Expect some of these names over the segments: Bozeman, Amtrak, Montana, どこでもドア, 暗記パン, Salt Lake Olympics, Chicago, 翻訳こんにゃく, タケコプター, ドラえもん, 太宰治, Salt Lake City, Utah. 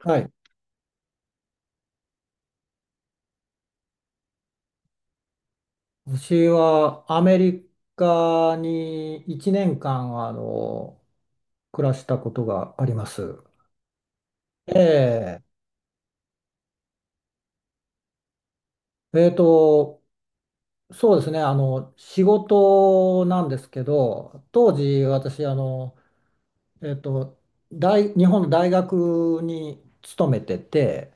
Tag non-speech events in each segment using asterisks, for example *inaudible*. はい。私はアメリカに1年間、暮らしたことがあります。ええ、えーと、そうですね、仕事なんですけど、当時私、えーと、日本の大学に勤めてて、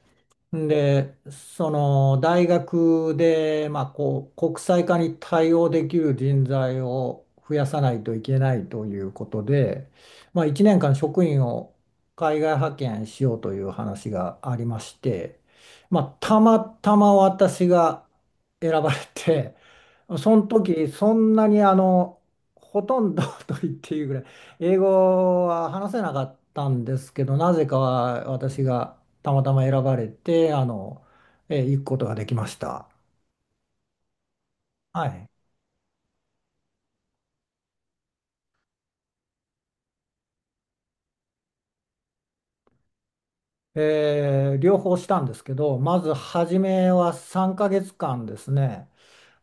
で、その大学で、こう国際化に対応できる人材を増やさないといけないということで、1年間職員を海外派遣しようという話がありまして、たまたま私が選ばれて、その時そんなにほとんど *laughs* と言っていいぐらい英語は話せなかったんですけど、なぜかは私が。たまたま選ばれて、行くことができました。はい。両方したんですけど、まず初めは3ヶ月間ですね、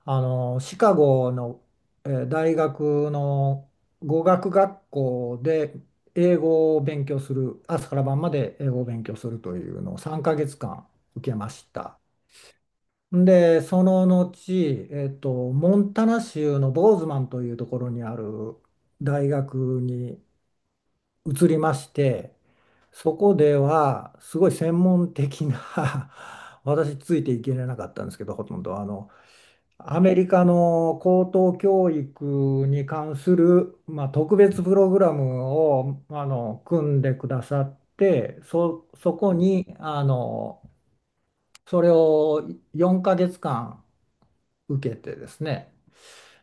シカゴの、大学の語学学校で英語を勉強する、朝から晩まで英語を勉強するというのを3ヶ月間受けました。で、その後、モンタナ州のボーズマンというところにある大学に移りまして、そこではすごい専門的な *laughs* 私ついていけれなかったんですけど、ほとんどアメリカの高等教育に関する、特別プログラムを組んでくださって、そこにそれを4ヶ月間受けてですね、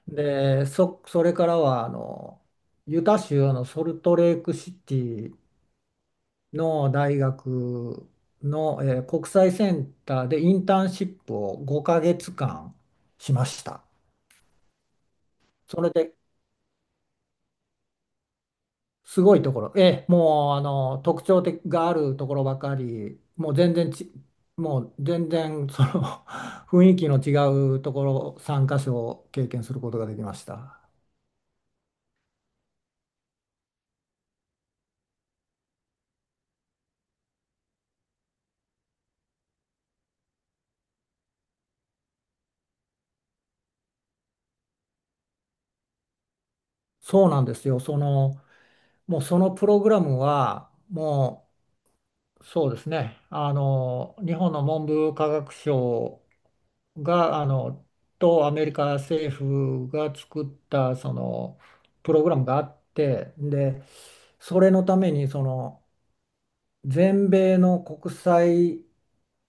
でそれからはユタ州のソルトレークシティの大学の、国際センターでインターンシップを5ヶ月間しました。それですごいところ、もう特徴的があるところばかり、もう全然その *laughs* 雰囲気の違うところ参加所を経験することができました。そうなんですよ。その、もうそのプログラムはもう、そうですね。日本の文部科学省が、とアメリカ政府が作ったそのプログラムがあって、で、それのためにその全米の国際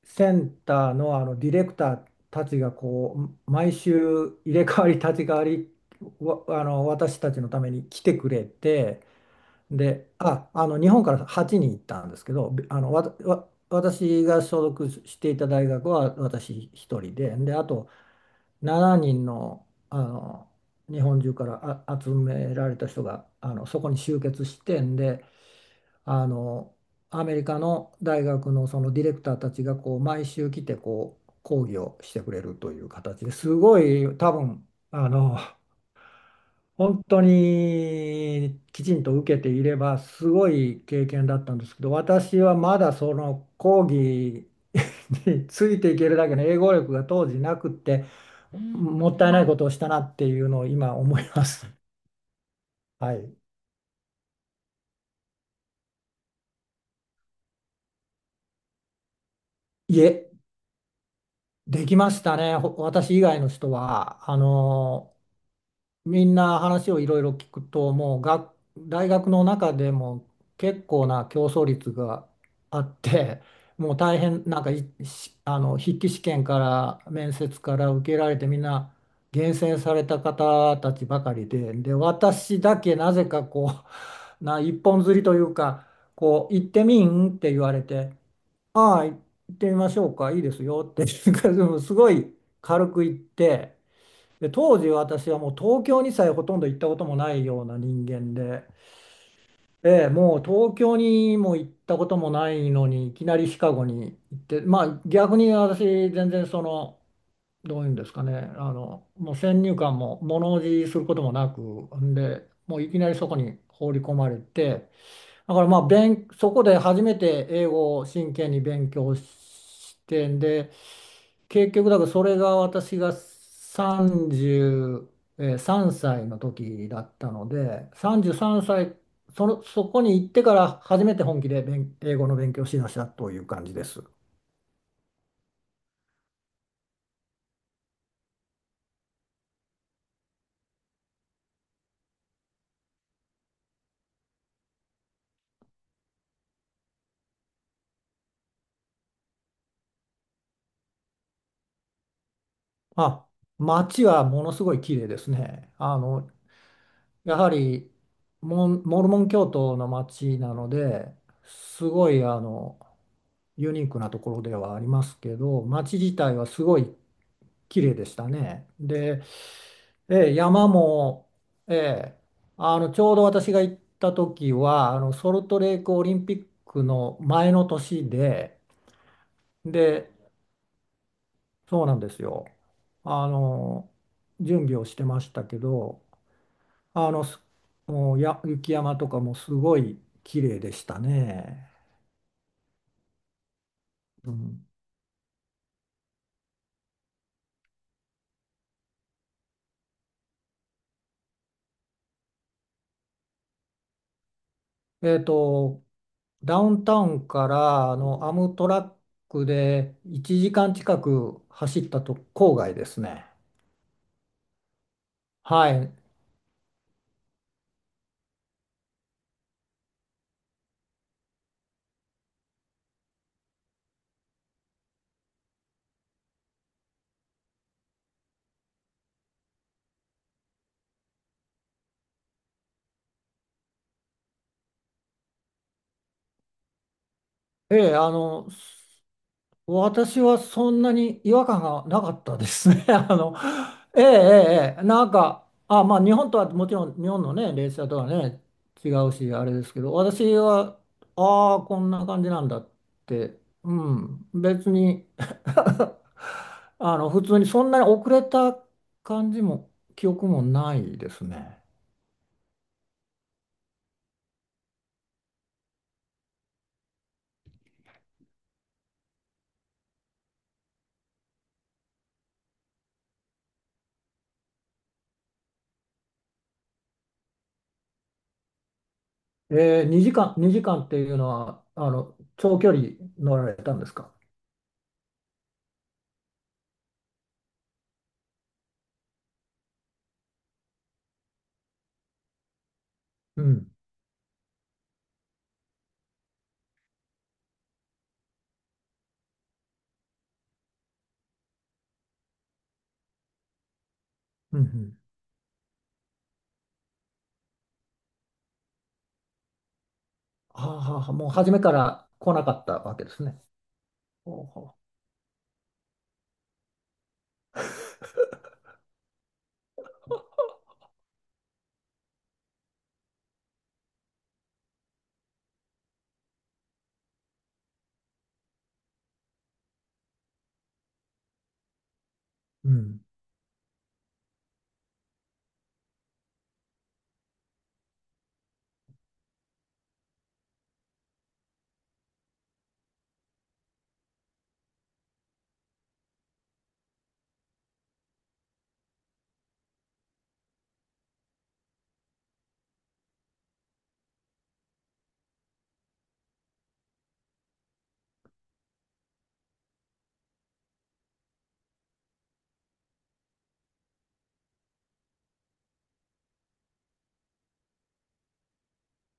センターの、ディレクターたちがこう毎週入れ替わり立ち替わりわあの私たちのために来てくれて、で日本から8人行ったんですけど、べあのわたわ私が所属していた大学は私一人で、であと7人の、日本中から集められた人がそこに集結してんで、あのアメリカの大学のそのディレクターたちがこう毎週来てこう講義をしてくれるという形で、すごい多分本当にきちんと受けていればすごい経験だったんですけど、私はまだその講義 *laughs* についていけるだけの英語力が当時なくって、うん。もったいないことをしたなっていうのを今思います。はい、いえ、できましたね。私以外の人はみんな、話をいろいろ聞くと、もう大学の中でも結構な競争率があって、もう大変、なんかいしあの筆記試験から面接から受けられて、みんな厳選された方たちばかりで、で、私だけなぜかこう、*laughs* 一本釣りというか、こう、行ってみんって言われて、ああ、行ってみましょうか、いいですよって *laughs*、すごい軽く行って。で、当時私はもう東京にさえほとんど行ったこともないような人間で、ええ、もう東京にも行ったこともないのにいきなりシカゴに行って、逆に私、全然その、どういうんですかね、もう先入観も物おじすることもなく、んでもういきなりそこに放り込まれて、だからそこで初めて英語を真剣に勉強して、んで結局、だからそれが私が33歳の時だったので、33歳、その、そこに行ってから初めて本気で英語の勉強をしだしたという感じです。まあ、街はものすごい綺麗ですね。やはりモルモン教徒の街なので、すごいユニークなところではありますけど、街自体はすごい綺麗でしたね。で、ええ、山も、ええ、ちょうど私が行った時はソルトレークオリンピックの前の年で、で、そうなんですよ。あの準備をしてましたけど、あのすもうや雪山とかもすごい綺麗でしたね。うん、えっとダウンタウンからアムトラックで1時間近く走ったと郊外ですね。はい。ええ、私はそんなに違和感がなかったですね。*laughs* ええ、ええ、ええ、なんか、あ、日本とはもちろん、日本のね、列車とはね、違うし、あれですけど、私は、ああ、こんな感じなんだって、うん、別に *laughs* 普通にそんなに遅れた感じも、記憶もないですね。ええ、2時間、2時間っていうのは、長距離乗られたんですか？うん。うん、うん、ああ、もう初めから来なかったわけですね。ほうほう、うん、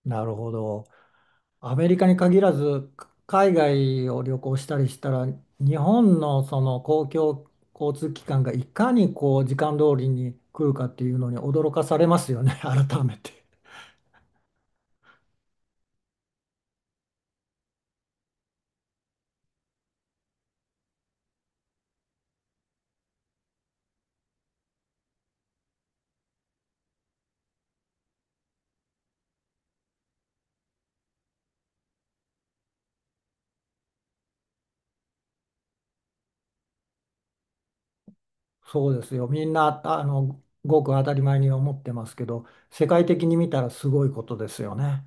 なるほど。アメリカに限らず、海外を旅行したりしたら、日本のその公共交通機関がいかにこう時間通りに来るかっていうのに驚かされますよね、*laughs* 改めて。そうですよ。みんな、ごく当たり前に思ってますけど、世界的に見たらすごいことですよね。